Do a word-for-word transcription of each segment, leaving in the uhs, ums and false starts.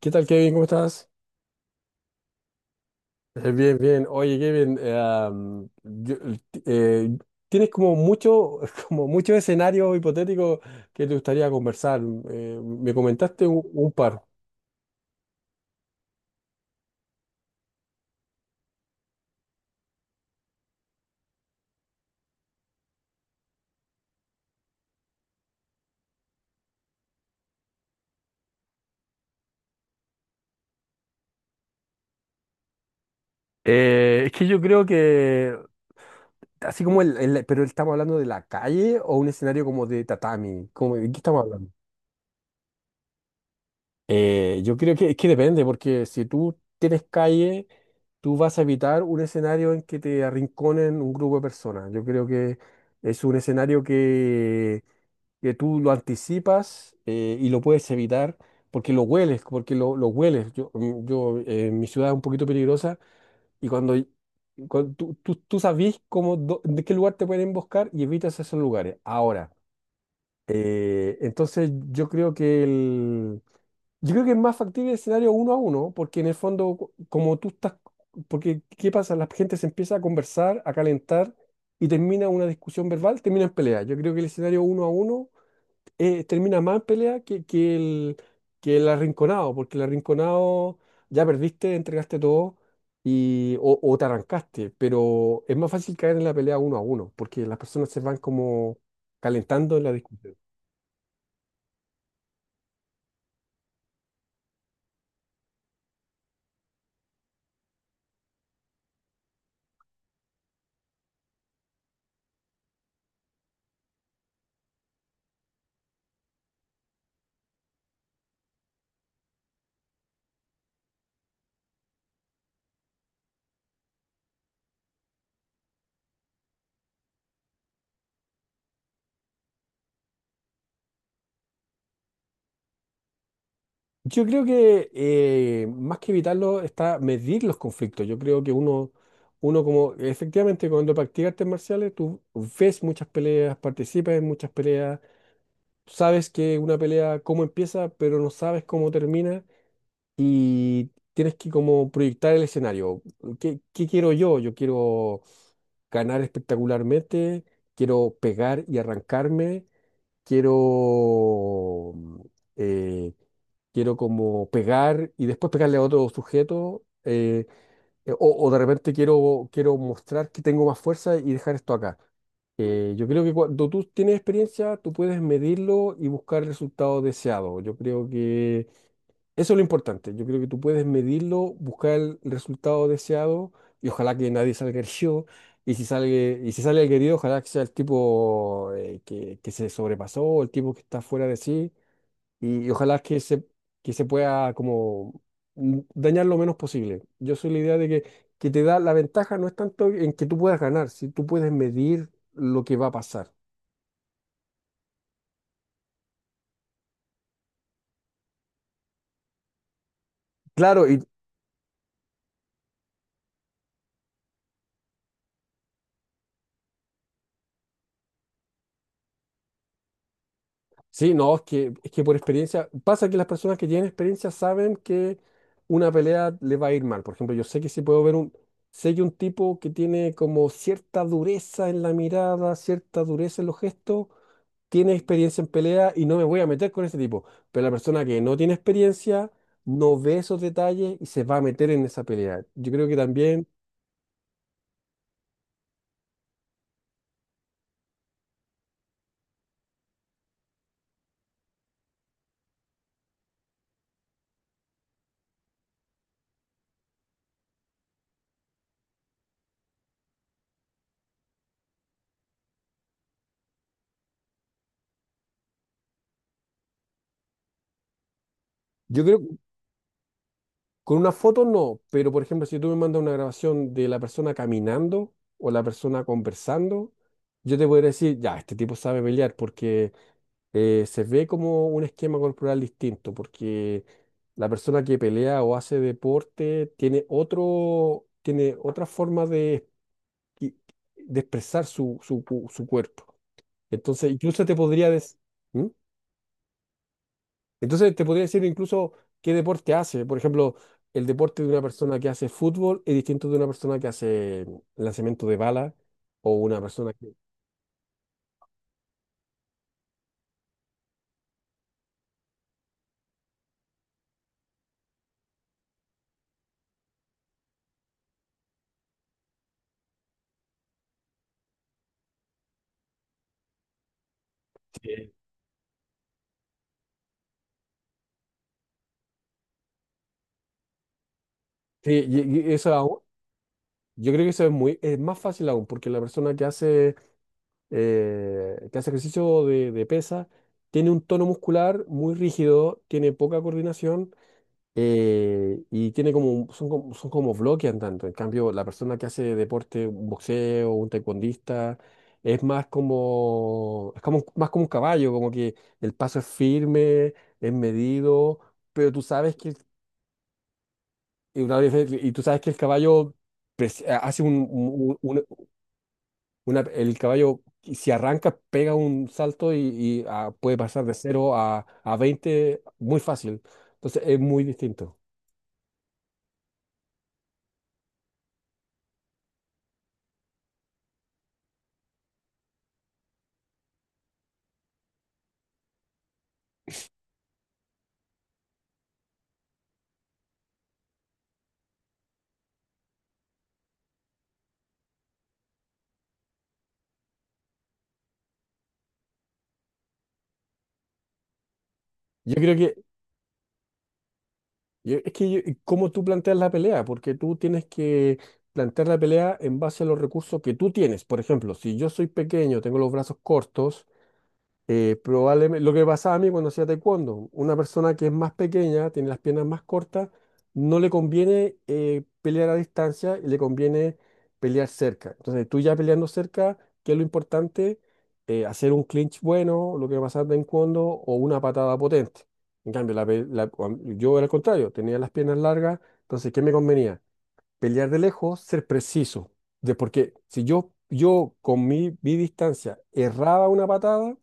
¿Qué tal, Kevin? ¿Cómo estás? Eh, Bien, bien. Oye, Kevin, eh, am, yo- el ti- eh, tienes como mucho, como muchos escenarios hipotéticos que te gustaría conversar. Eh, me comentaste un, un par. Eh, es que yo creo que, así como el, el- pero estamos hablando de la calle o un escenario como de tatami. ¿Cómo? ¿De qué estamos hablando? Eh, yo creo que, es que depende, porque si tú tienes calle, tú vas a evitar un escenario en que te arrinconen un grupo de personas. Yo creo que es un escenario que, que tú lo anticipas eh, y lo puedes evitar porque lo hueles, porque lo, lo hueles. Yo, mm, yo eh, Mi ciudad es un poquito peligrosa y cuando, cuando tú, tú, tú sabes cómo, dó- de qué lugar te pueden emboscar y evitas esos lugares. Ahora, eh, entonces yo creo que yo creo que es más factible el escenario uno a uno, porque en el fondo, co- como tú estás. Porque ¿qué pasa? La gente se empieza a conversar, a calentar y termina una discusión verbal, termina en pelea. Yo creo que el escenario uno a uno eh, termina más en pelea que, que el, que el arrinconado, porque el arrinconado ya perdiste, entregaste todo y, o, o te arrancaste, pero es más fácil caer en la pelea uno a uno, porque las personas se van como calentando en la discusión. Yo creo que eh, más que evitarlo está medir los conflictos. Yo creo que uno, uno como efectivamente cuando practicas artes marciales, tú ves muchas peleas, participas en muchas peleas, sabes que una pelea cómo empieza, pero no sabes cómo termina y tienes que como proyectar el escenario. ¿Qué, qué quiero yo? Yo quiero ganar espectacularmente, quiero pegar y arrancarme, quiero, mm, eh, quiero como pegar y después pegarle a otro sujeto, eh, eh, o, o de repente quiero, quiero mostrar que tengo más fuerza y dejar esto acá. Eh, yo creo que cuando tú tienes experiencia, tú puedes medirlo y buscar el resultado deseado. Yo creo que eso es lo importante. Yo creo que tú puedes medirlo, buscar el resultado deseado y ojalá que nadie salga herido. Y si sale, y si sale el herido, ojalá que sea el tipo eh, que, que se sobrepasó, el tipo que está fuera de sí. Y, y ojalá que se, que se pueda como mm, dañar lo menos posible. Yo soy la idea de que, que te da la ventaja no es tanto en que tú puedas ganar, si tú puedes medir lo que va a pasar. Claro, y, sí, no, es que, es que por experiencia, pasa que las personas que tienen experiencia saben que una pelea le va a ir mal. Por ejemplo, yo sé que si puedo ver un, sé que un tipo que tiene como cierta dureza en la mirada, cierta dureza en los gestos, tiene experiencia en pelea y no me voy a meter con ese tipo. Pero la persona que no tiene experiencia no ve esos detalles y se va a meter en esa pelea. Yo creo que también, yo creo. Con una foto no, pero por ejemplo, si tú me mandas una grabación de la persona caminando o la persona conversando, yo te podría decir, ya, este tipo sabe pelear porque eh, se ve como un esquema corporal distinto, porque la persona que pelea o hace deporte tiene otro, tiene otra forma de, de expresar su, su, cu- su cuerpo. Entonces, incluso te podría decir. Entonces te podría decir incluso qué deporte hace. Por ejemplo, el deporte de una persona que hace fútbol es distinto de una persona que hace lanzamiento de bala o una persona que. Sí. Sí, y- y eso aún- yo creo que eso es muy, es más fácil aún, porque la persona que hace, eh, que hace ejercicio de, de pesa tiene un tono muscular muy rígido, tiene poca coordinación eh, y tiene como, un- son, como- son como bloquean tanto. En cambio, la persona que hace deporte, un boxeo, un taekwondista, es más como, es como, un- más como un caballo, como que el paso es firme, es medido, pero tú sabes que, y una vez- y tú sabes que el caballo pres- hace un, un- un- una- el caballo, si arranca, pega un salto y, y, ah, puede pasar de cero a, a veinte muy fácil. Entonces es muy distinto. Yo creo que. Yo- Es que, yo- ¿cómo tú planteas la pelea? Porque tú tienes que plantear la pelea en base a los recursos que tú tienes. Por ejemplo, si yo soy pequeño, tengo los brazos cortos, eh, probablemente, lo que pasaba a mí cuando hacía taekwondo, una persona que es más pequeña, tiene las piernas más cortas, no le conviene eh, pelear a distancia y le conviene pelear cerca. Entonces, tú ya peleando cerca, ¿qué es lo importante? Eh, hacer un clinch bueno, lo que pasaba en taekwondo, o una patada potente. En cambio, la pe- la- cuan- yo era al contrario, tenía las piernas largas, entonces, ¿qué me convenía? Pelear de lejos, ser preciso. De, porque si yo, yo con mi, mi distancia erraba una patada,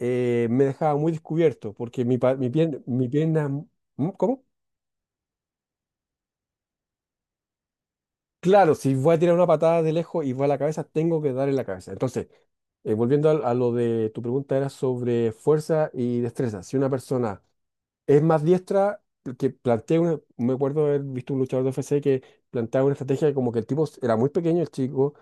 eh, me dejaba muy descubierto, porque mi, pa- mi, pierna, mi pierna. ¿Mm? ¿Cómo? Claro, si voy a tirar una patada de lejos y va a la cabeza, tengo que dar en la cabeza. Entonces, eh, volviendo al- a, lo de tu pregunta, era sobre fuerza y destreza. Si una persona es más diestra que plantea una, me acuerdo haber visto un luchador de U F C que planteaba una estrategia que como que el tipo era muy pequeño, el chico,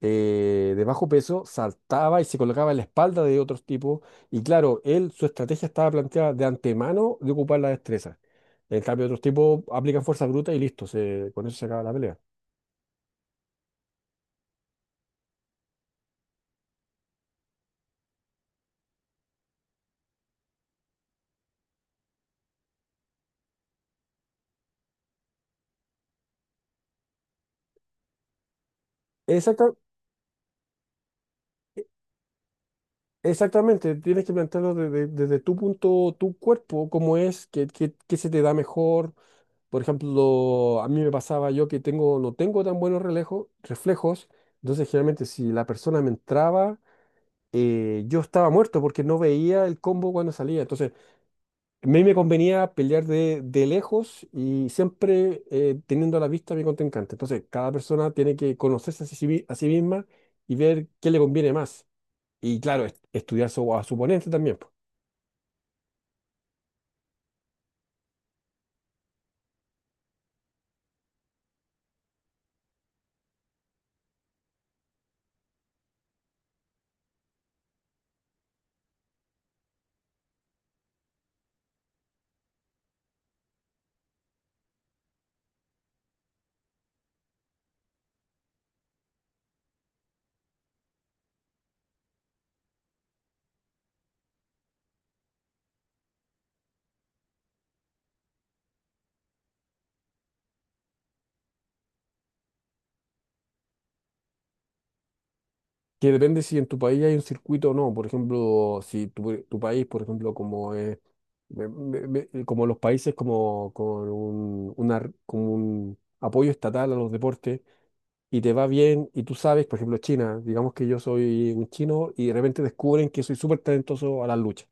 eh, de bajo peso, saltaba y se colocaba en la espalda de otros tipos y claro, él, su estrategia estaba planteada de antemano de ocupar la destreza. En cambio, otros tipos aplican fuerza bruta y listo, se, con eso se acaba la pelea. Exacta- e- Exactamente, tienes que plantearlo desde, desde tu punto, tu cuerpo, cómo es, qué, qué- qué se te da mejor. Por ejemplo, a mí me pasaba yo que tengo, no tengo tan buenos relejo- reflejos, entonces generalmente si la persona me entraba, eh, yo estaba muerto porque no veía el combo cuando salía. Entonces, a mí me convenía pelear de, de lejos y siempre eh, teniendo a la vista a mi contrincante. Entonces, cada persona tiene que conocerse a sí, sí mi- a sí misma y ver qué le conviene más. Y claro, est- estudiar su- a su oponente también. Que depende si en tu país hay un circuito o no. Por ejemplo, si tu, tu país, por ejemplo, como es, me- me- me- eh, como los países como con un, una r- como un apoyo estatal a los deportes y te va bien y tú sabes, por ejemplo, China, digamos que yo soy un chino y de repente descubren que soy súper talentoso a las luchas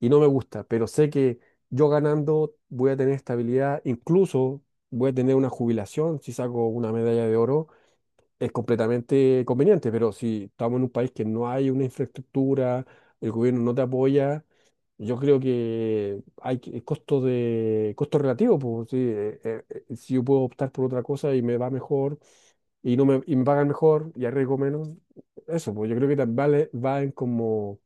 y no me gusta, pero sé que yo ganando voy a tener estabilidad, incluso voy a tener una jubilación si saco una medalla de oro es completamente conveniente, pero si estamos en un país que no hay una infraestructura, el gobierno no te apoya, yo creo que hay que- costo de costo relativo, pues sí, eh, eh, eh, si yo puedo optar por otra cosa y me va mejor y no me, y me pagan mejor y arriesgo menos, eso, pues yo creo que también vale, va en como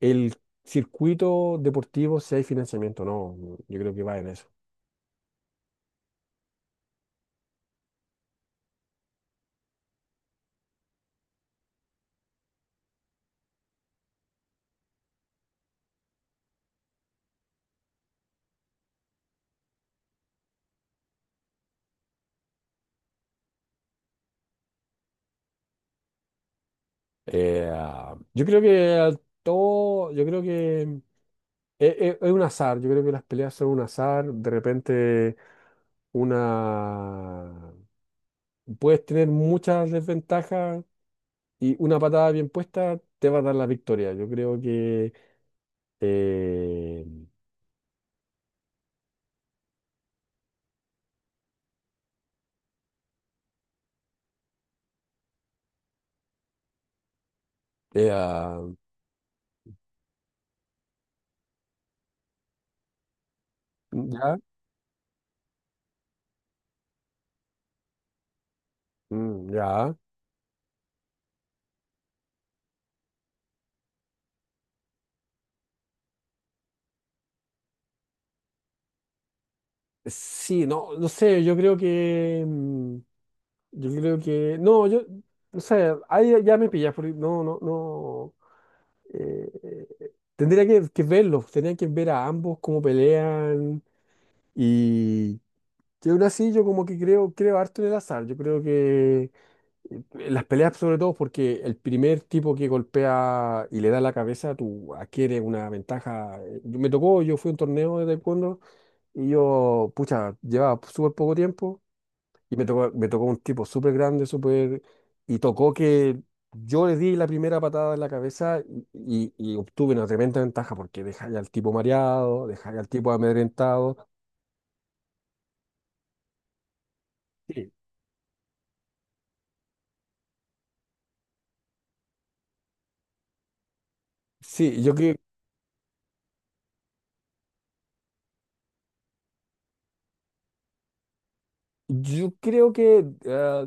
el circuito deportivo si hay financiamiento, no, yo creo que va en eso. Eh, ah, yo creo que todo, yo creo que e- e- es, un azar, yo creo que las peleas son un azar, de repente una puedes tener muchas desventajas y una patada bien puesta te va a dar la victoria. Yo creo que eh, eh, ah, ya, mm, ya. Sí, no, no sé, yo creo que mm, Yo creo que, no, yo, no sé, ahí ya me pillas, porque no, no, no. Eh, eh, tendría que, que verlos, tendrían que ver a ambos cómo pelean y que aún así yo como que creo, creo harto en el azar, yo creo que eh, las peleas sobre todo porque el primer tipo que golpea y le da la cabeza, tú adquieres una ventaja. Eh, me tocó, yo fui a un torneo de taekwondo y yo, pucha, llevaba súper poco tiempo y me tocó, me tocó un tipo súper grande, súper. Y tocó que yo le di la primera patada en la cabeza y, y obtuve una tremenda ventaja porque dejáis al tipo mareado, dejáis al tipo amedrentado. Sí, sí, yo, cre- yo creo que ah,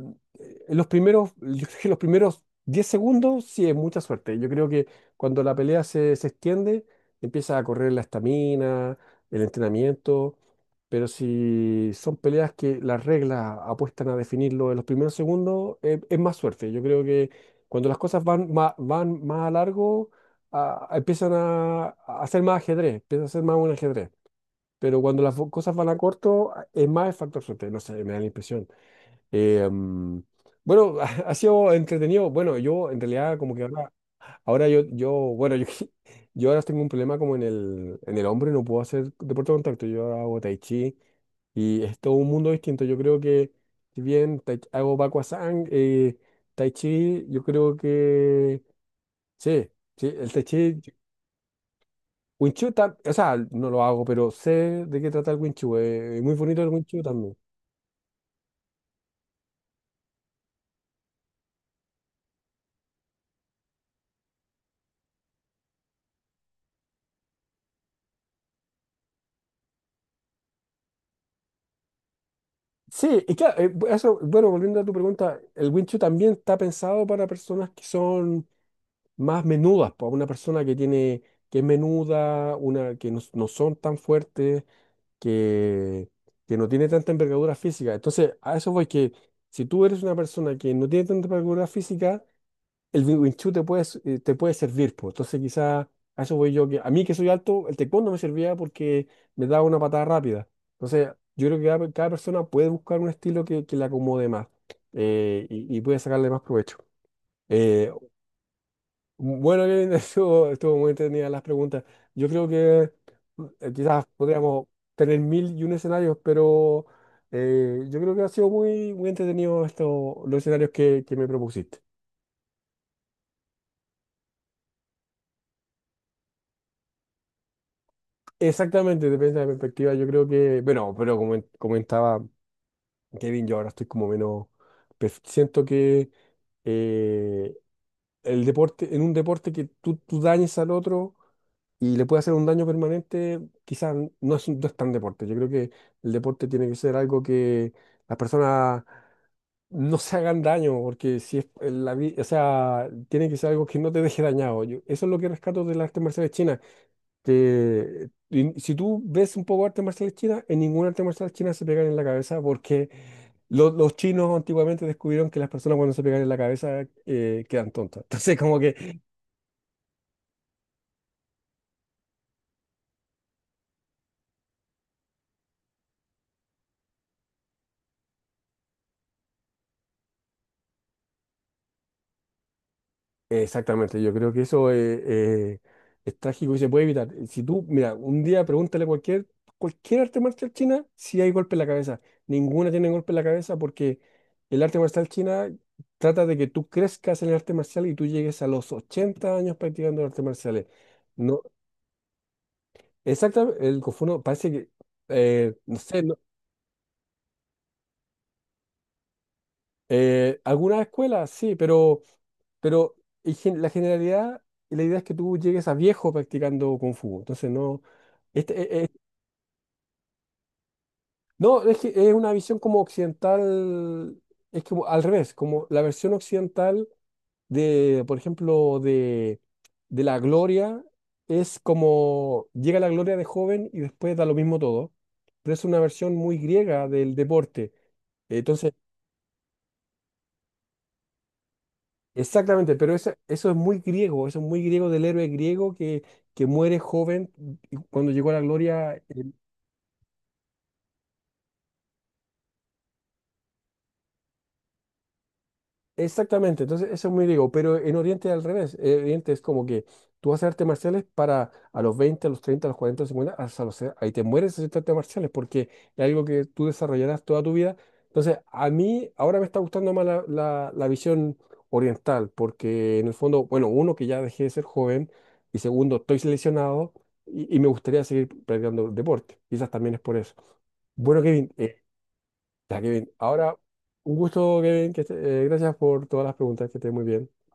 en los primeros, yo creo que los primeros diez segundos sí es mucha suerte. Yo creo que cuando la pelea se, se extiende, empieza a correr la estamina, el entrenamiento. Pero si son peleas que las reglas apuestan a definirlo en los primeros segundos, eh, es más suerte. Yo creo que cuando las cosas van más, van más a largo, a- a- empiezan a, a ser más ajedrez, empieza a ser más un ajedrez. Pero cuando las fo- cosas van a corto, a- es más el factor suerte. No sé, me da la impresión. Eh, mm, bueno, ha sido entretenido. Bueno, yo en realidad como que ahora. Ahora yo, yo, bueno, yo, yo ahora tengo un problema como en el, en el hombro y no puedo hacer deporte de contacto. Yo ahora hago tai chi y es todo un mundo distinto. Yo creo que, si bien tai- hago Bakwazang, eh, tai chi, yo creo que, sí, sí, el tai chi, Wing Chun, tam- o sea, no lo hago, pero sé de qué trata el Wing Chun. Eh, es muy bonito el Wing Chun también. Sí, y claro, eh, bu- eso, bueno, volviendo a tu pregunta, el Wing Chun también está pensado para personas que son más menudas, para una persona que tiene, que es menuda, una que no, no son tan fuertes, que, que no tiene tanta envergadura física. Entonces, a eso voy que si tú eres una persona que no tiene tanta envergadura física, el Wing Wing Chun te puede, s- eh, te puede servir, pues. Entonces, quizá a eso voy yo, que a mí que soy alto, el taekwondo me servía porque me daba una patada rápida. Entonces, yo creo que cada, cada persona puede buscar un estilo que, que le acomode más eh, y, y puede sacarle más provecho. Eh, bueno, Kevin, estuvo, estuvo muy entretenida las preguntas. Yo creo que eh, quizás podríamos tener mil y un escenarios, pero eh, yo creo que ha sido muy, muy entretenido esto, los escenarios que, que me propusiste. Exactamente, depende de la perspectiva. Yo creo que, bueno, pero como en- comentaba Kevin, yo ahora estoy como menos, pref- siento que. eh, el deporte, en un deporte que tú, tú dañes al otro y le puede hacer un daño permanente, quizás no es, un- no es tan deporte. Yo creo que el deporte tiene que ser algo que las personas no se hagan daño, porque si es en la vida, o sea, tiene que ser algo que no te deje dañado. Yo- eso es lo que rescato de las artes marciales chinas, que in- si tú ves un poco de artes marciales chinas, en ninguna arte marcial china se pegan en la cabeza porque... lo- Los, chinos antiguamente descubrieron que las personas cuando se pegan en la cabeza eh, quedan tontas. Entonces, como que. Exactamente, yo creo que eso eh, eh, es trágico y se puede evitar. Si tú, mira, un día pregúntale a cualquier, cualquier, arte marcial china si hay golpe en la cabeza. Ninguna tiene golpe en la cabeza porque el arte marcial china trata de que tú crezcas en el arte marcial y tú llegues a los ochenta años practicando artes marciales. No, exactamente, el Kung Fu no, parece que, eh, no sé. Eh, algunas escuelas, sí, pero, pero en gen- la generalidad, la idea es que tú llegues a viejo practicando Kung Fu. Entonces, no. Este, eh, eh, no, es que es una visión como occidental, es como al revés, como la versión occidental de, por ejemplo, de, de la gloria, es como llega la gloria de joven y después da lo mismo todo. Pero es una versión muy griega del deporte. Entonces, exactamente, pero eso, eso es muy griego, eso es muy griego del héroe griego que, que muere joven y cuando llegó a la gloria. Exactamente, entonces eso es muy griego, pero en Oriente es al revés. En Oriente es como que tú haces artes marciales para a los veinte, a los treinta, a los cuarenta, a los cincuenta, hasta los, se- ahí te mueres haciendo artes marciales porque es algo que tú desarrollarás toda tu vida. Entonces, a mí ahora me está gustando más la, la- la visión oriental porque en el fondo, bueno, uno que ya dejé de ser joven y segundo, estoy seleccionado y, y me gustaría seguir practicando deporte. Quizás también es por eso. Bueno, Kevin, eh, ya, Kevin. Ahora, un gusto, Kevin. Que esté- eh, gracias por todas las preguntas. Que estés muy bien.